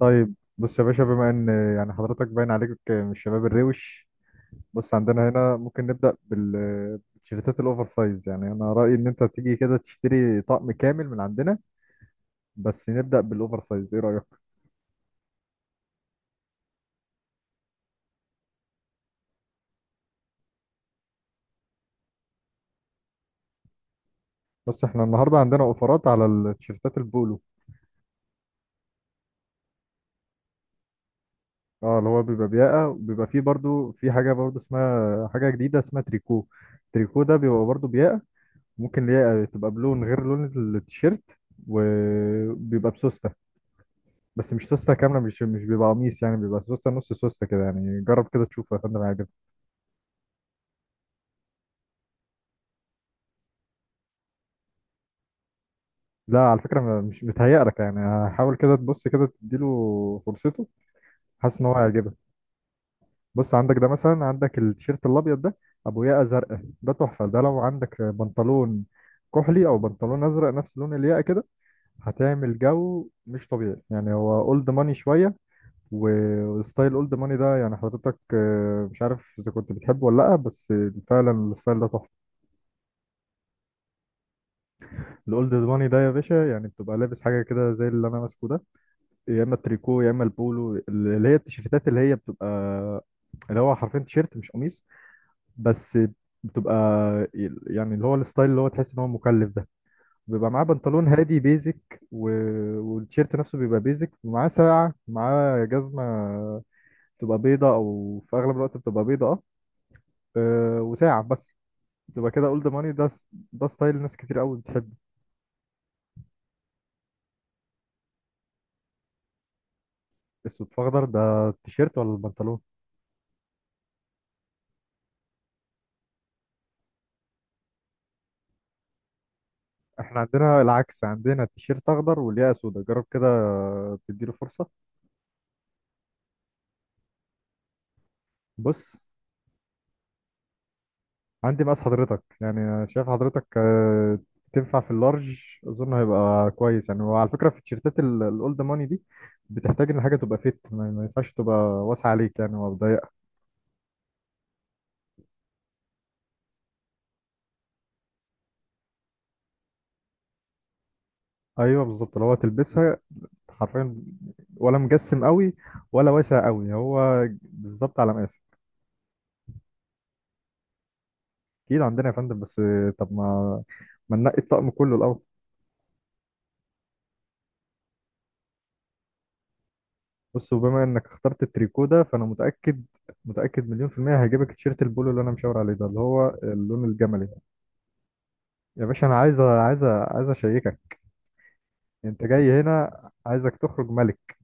طيب، بص يا باشا. بما ان يعني حضرتك باين عليك من الشباب الروش. بص عندنا هنا ممكن نبدأ بالتيشيرتات الاوفر سايز. يعني انا رأيي ان انت تيجي كده تشتري طقم كامل من عندنا، بس نبدأ بالاوفر سايز. ايه رأيك؟ بص احنا النهارده عندنا اوفرات على التيشيرتات البولو. اه، اللي هو بيبقى بياقة وبيبقى فيه برضو، في حاجة برضو اسمها حاجة جديدة اسمها تريكو. التريكو ده بيبقى برضو بياقة. ممكن الياقة تبقى بلون غير لون التيشيرت، وبيبقى بسوستة. بس مش سوسته كامله، مش بيبقى قميص، يعني بيبقى سوسته نص سوسته كده. يعني جرب كده تشوف يا فندم، هيعجبك. لا على فكره، مش متهيألك. يعني حاول كده تبص كده تديله فرصته. حاسس ان هو هيعجبك. بص عندك ده مثلا، عندك التيشيرت الابيض ده ابو ياقه زرقاء، ده تحفه. ده لو عندك بنطلون كحلي او بنطلون ازرق نفس لون الياقه كده، هتعمل جو مش طبيعي. يعني هو اولد ماني شويه، وستايل اولد ماني ده يعني حضرتك مش عارف اذا كنت بتحبه ولا لا، بس فعلا الستايل ده تحفه. الاولد ماني ده يا باشا، يعني بتبقى لابس حاجه كده زي اللي انا ماسكه ده. يا اما التريكو يا اما البولو، اللي هي التيشيرتات اللي هي بتبقى، اللي هو حرفيا تيشيرت مش قميص بس. بتبقى يعني اللي هو الستايل اللي هو تحس ان هو مكلف ده، بيبقى معاه بنطلون هادي بيزك و... والتيشيرت نفسه بيبقى بيزك، ومعاه ساعة، معاه جزمة بتبقى بيضة او في اغلب الوقت بتبقى بيضة. اه، وساعة بس. بتبقى كده اولد ماني ده. ده ستايل ناس كتير قوي بتحب. اسود في اخضر، ده التيشيرت ولا البنطلون؟ احنا عندنا العكس، عندنا تيشيرت اخضر والياقة سودا، جرب كده تديله فرصة. بص عندي مقاس حضرتك. يعني شايف حضرتك تنفع في اللارج. اظن هيبقى كويس. يعني وعلى فكرة في التيشيرتات الاولد ماني دي بتحتاج ان حاجة تبقى فيت، ما ما ينفعش تبقى واسعة عليك يعني، وضيقة. ايوه بالظبط لو هتلبسها حرفيا، ولا مجسم قوي ولا واسع قوي، هو بالظبط على مقاسك. اكيد عندنا يا فندم، بس طب ما ما ننقي الطقم كله الاول. بص وبما انك اخترت التريكو ده، فانا متاكد متاكد 1,000,000% هيعجبك التيشيرت البولو اللي انا مشاور عليه ده اللي هو اللون الجملي. يا باشا انا عايز عايز اشيكك. انت جاي هنا، عايزك تخرج ملك.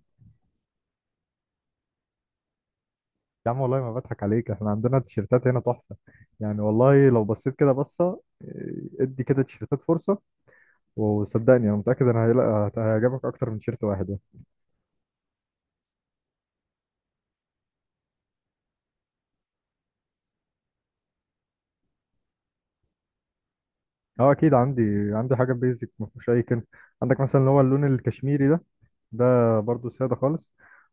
يا عم والله ما بضحك عليك، احنا عندنا تيشيرتات هنا تحفه. يعني والله لو بصيت كده بصه، إيه، ادي كده تيشيرتات فرصه. وصدقني انا متاكد ان هيعجبك اكتر من تيشيرت واحد يعني. اه اكيد عندي. عندي حاجه بيزك ما فيهوش اي كلمه. عندك مثلا اللي هو اللون الكشميري ده، ده برضو سادة خالص.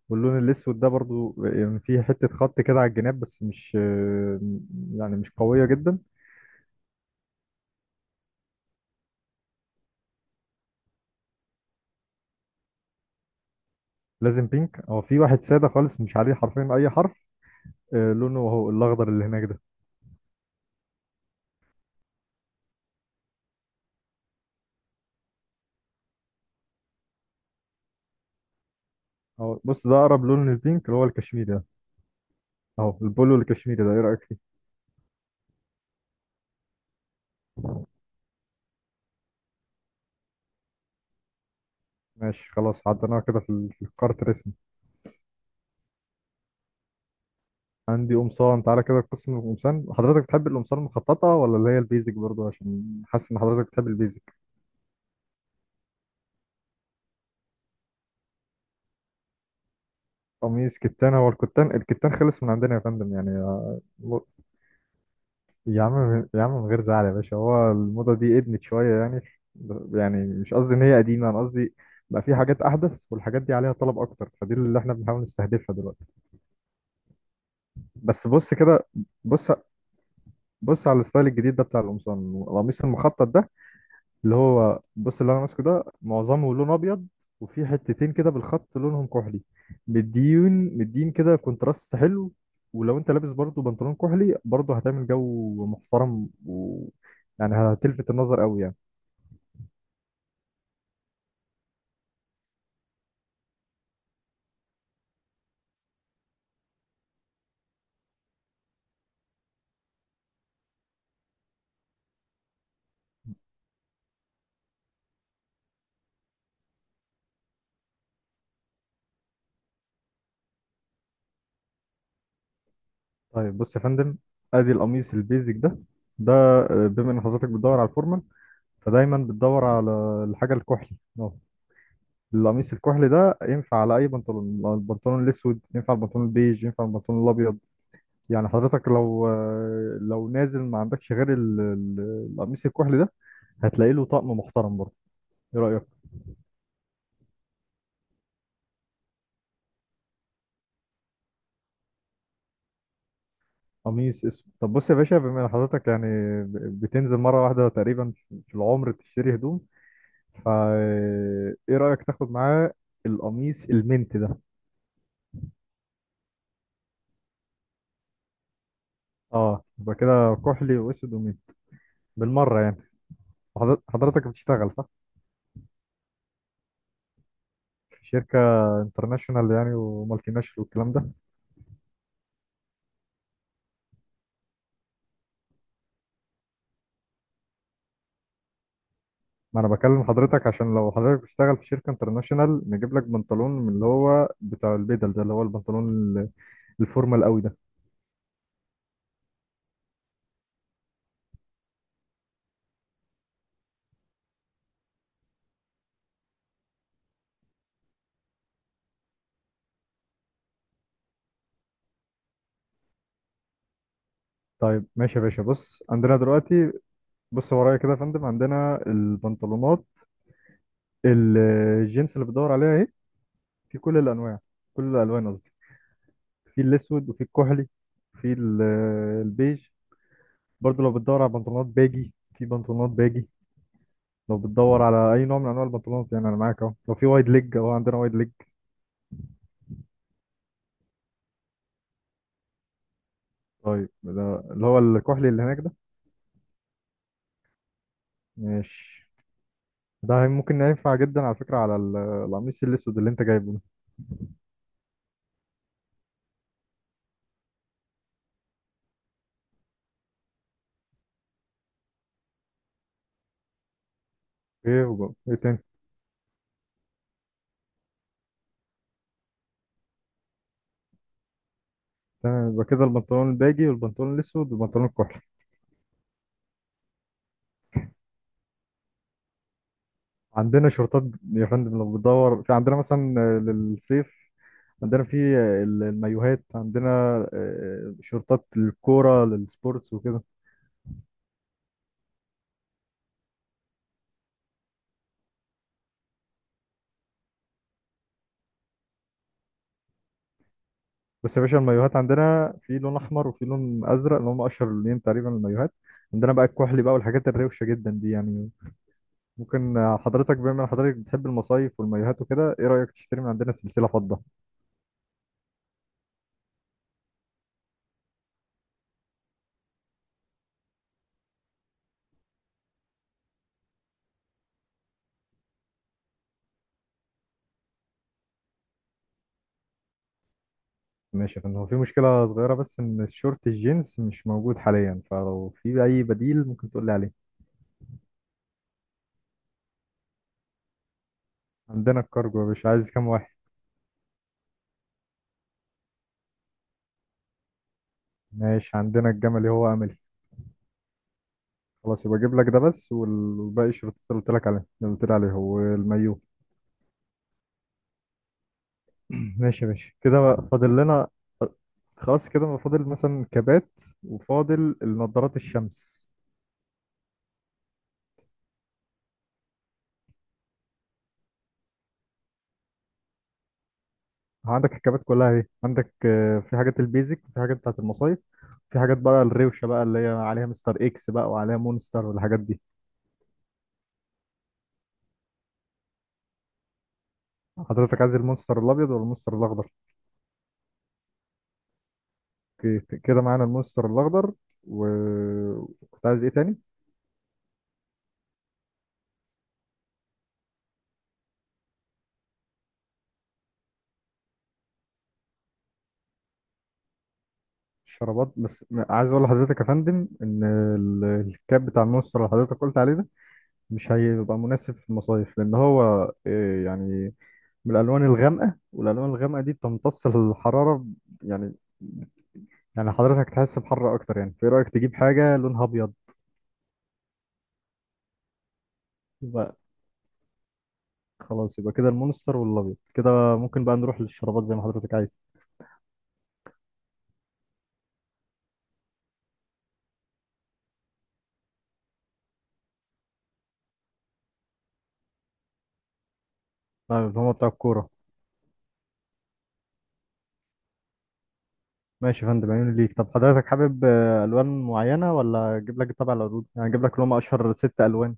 واللون الأسود ده برضو يعني فيه حتة خط كده على الجناب، بس مش يعني مش قوية جدا. لازم بينك؟ هو في واحد سادة خالص مش عليه حرفيا أي حرف، لونه هو الأخضر اللي هناك ده. أهو بص، ده أقرب لون للبينك اللي هو الكشميري ده. أهو البولو الكشميري ده، إيه رأيك فيه؟ ماشي خلاص، عديناها كده في في الكارت رسمي. عندي قمصان، تعالى كده قسم القمصان. حضرتك بتحب القمصان المخططة ولا اللي هي البيزك؟ برضو عشان حاسس إن حضرتك بتحب البيزك. قميص كتان، هو الكتان، الكتان خلص من عندنا يا فندم يعني يا عم يا عم من غير زعل يا باشا، هو الموضة دي ادمت شوية يعني. يعني مش قصدي ان هي قديمة، انا قصدي بقى في حاجات احدث، والحاجات دي عليها طلب اكتر، فدي اللي احنا بنحاول نستهدفها دلوقتي. بس بص كده، بص، بص على الستايل الجديد ده بتاع القمصان. القميص المخطط ده اللي هو بص، اللي انا ماسكه ده معظمه لون ابيض، وفي حتتين كده بالخط لونهم كحلي. مديون، مدين كده، كونتراست حلو. ولو انت لابس برضو بنطلون كحلي برضو، هتعمل جو محترم، و يعني هتلفت النظر قوي يعني. طيب بص يا فندم، ادي القميص البيزك ده. ده بما ان حضرتك بتدور على الفورمال، فدايما بتدور على الحاجه الكحلي. اه، القميص الكحلي ده ينفع على اي بنطلون. البنطلون الاسود ينفع، البنطلون البيج ينفع، البنطلون الابيض. يعني حضرتك لو نازل ما عندكش غير القميص الكحلي ده، هتلاقي له طقم محترم برضه. ايه رأيك؟ قميص اسود، طب بص يا باشا، بما ان حضرتك يعني بتنزل مرة واحدة تقريبا في العمر تشتري هدوم، فا ايه رأيك تاخد معاه القميص المنت ده. اه يبقى كده كحلي واسود ومنت، بالمرة يعني. حضرتك بتشتغل صح؟ في شركة انترناشونال يعني، ومالتي ناشونال والكلام ده. ما انا بكلم حضرتك عشان لو حضرتك بتشتغل في شركة انترناشونال، نجيب لك بنطلون من اللي هو بتاع البدل ده، اللي هو البنطلون ال- الفورمال قوي ده. طيب ماشي يا باشا، بص عندنا دلوقتي. بص ورايا كده يا فندم، عندنا البنطلونات ال- الجينز اللي بتدور عليها اهي، في كل الانواع، كل الالوان قصدي. في الاسود، وفي الكحلي، في البيج. برضه لو بتدور على بنطلونات باجي، في بنطلونات باجي. لو بتدور على اي نوع من انواع البنطلونات، يعني انا معاك اهو. لو في وايد ليج، اهو عندنا وايد ليج. طيب ده اللي هو الكحلي اللي هناك ده. ماشي. ده ممكن ينفع جدا على فكرة على القميص الأسود اللي أنت جايبه ده. إيه إيه تاني؟ تمام، يبقى كده البنطلون الباجي والبنطلون الأسود والبنطلون الكحلي. عندنا شورتات يا فندم، لو بتدور في عندنا مثلا للصيف، عندنا في المايوهات، عندنا شورتات للكورة للسبورتس وكده. بس يا باشا المايوهات عندنا في لون أحمر وفي لون أزرق، اللي هم أشهر لونين تقريبا المايوهات. عندنا بقى الكحلي بقى والحاجات الروشة جدا دي يعني. ممكن حضرتك بما ان حضرتك بتحب المصايف والمايوهات وكده، ايه رأيك تشتري من عندنا سلسلة فضة؟ ماشي، ان هو في مشكلة صغيرة بس، ان الشورت الجينز مش موجود حاليا، فلو في اي بديل ممكن تقول لي عليه. عندنا الكارجو يا باشا، عايز كام واحد؟ ماشي عندنا الجملي، هو املي. خلاص يبقى اجيب لك ده بس، والباقي الشورت اللي قلت لك عليه، اللي قلت لي عليه هو المايو. ماشي يا باشا، كده بقى فاضل لنا. خلاص كده بقى فاضل مثلا كبات، وفاضل النضارات الشمس. أه، عندك الكبات كلها اهي. عندك في حاجات البيزك، في حاجات بتاعت المصايف، في حاجات بقى الروشه بقى اللي هي عليها مستر اكس بقى، وعليها مونستر والحاجات دي. حضرتك عايز المونستر الابيض ولا المونستر الاخضر؟ كده معانا المونستر الاخضر. وكنت عايز ايه تاني؟ الشرابات، بس عايز اقول لحضرتك يا فندم ان الكاب بتاع المونستر اللي حضرتك قلت عليه ده مش هيبقى مناسب في المصايف، لان هو يعني من الالوان الغامقه، والالوان الغامقه دي بتمتص الحراره يعني. يعني حضرتك تحس بحر اكتر يعني، في رايك تجيب حاجه لونها ابيض. يبقى خلاص، يبقى كده المونستر والابيض كده. ممكن بقى نروح للشرابات زي ما حضرتك عايز. طيب هما بتوع الكوره؟ ماشي يا فندم، عيوني ليك. طب حضرتك حابب الوان معينه ولا اجيب لك طبع العروض؟ يعني اجيب لك اللي هم اشهر ست الوان.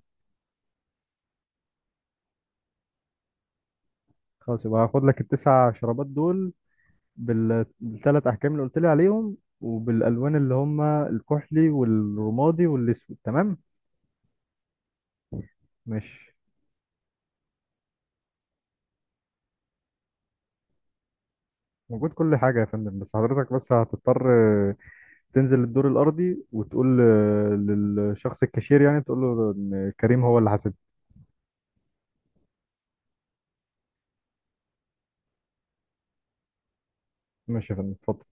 خلاص يبقى هاخد لك التسع شرابات دول بالثلاث احجام اللي قلت لي عليهم، وبالالوان اللي هم الكحلي والرمادي والاسود، تمام. ماشي. موجود كل حاجه يا فندم، بس حضرتك بس هتضطر تنزل الدور الارضي وتقول للشخص الكاشير، يعني تقول له ان كريم هو اللي حاسب. ماشي يا فندم، اتفضل.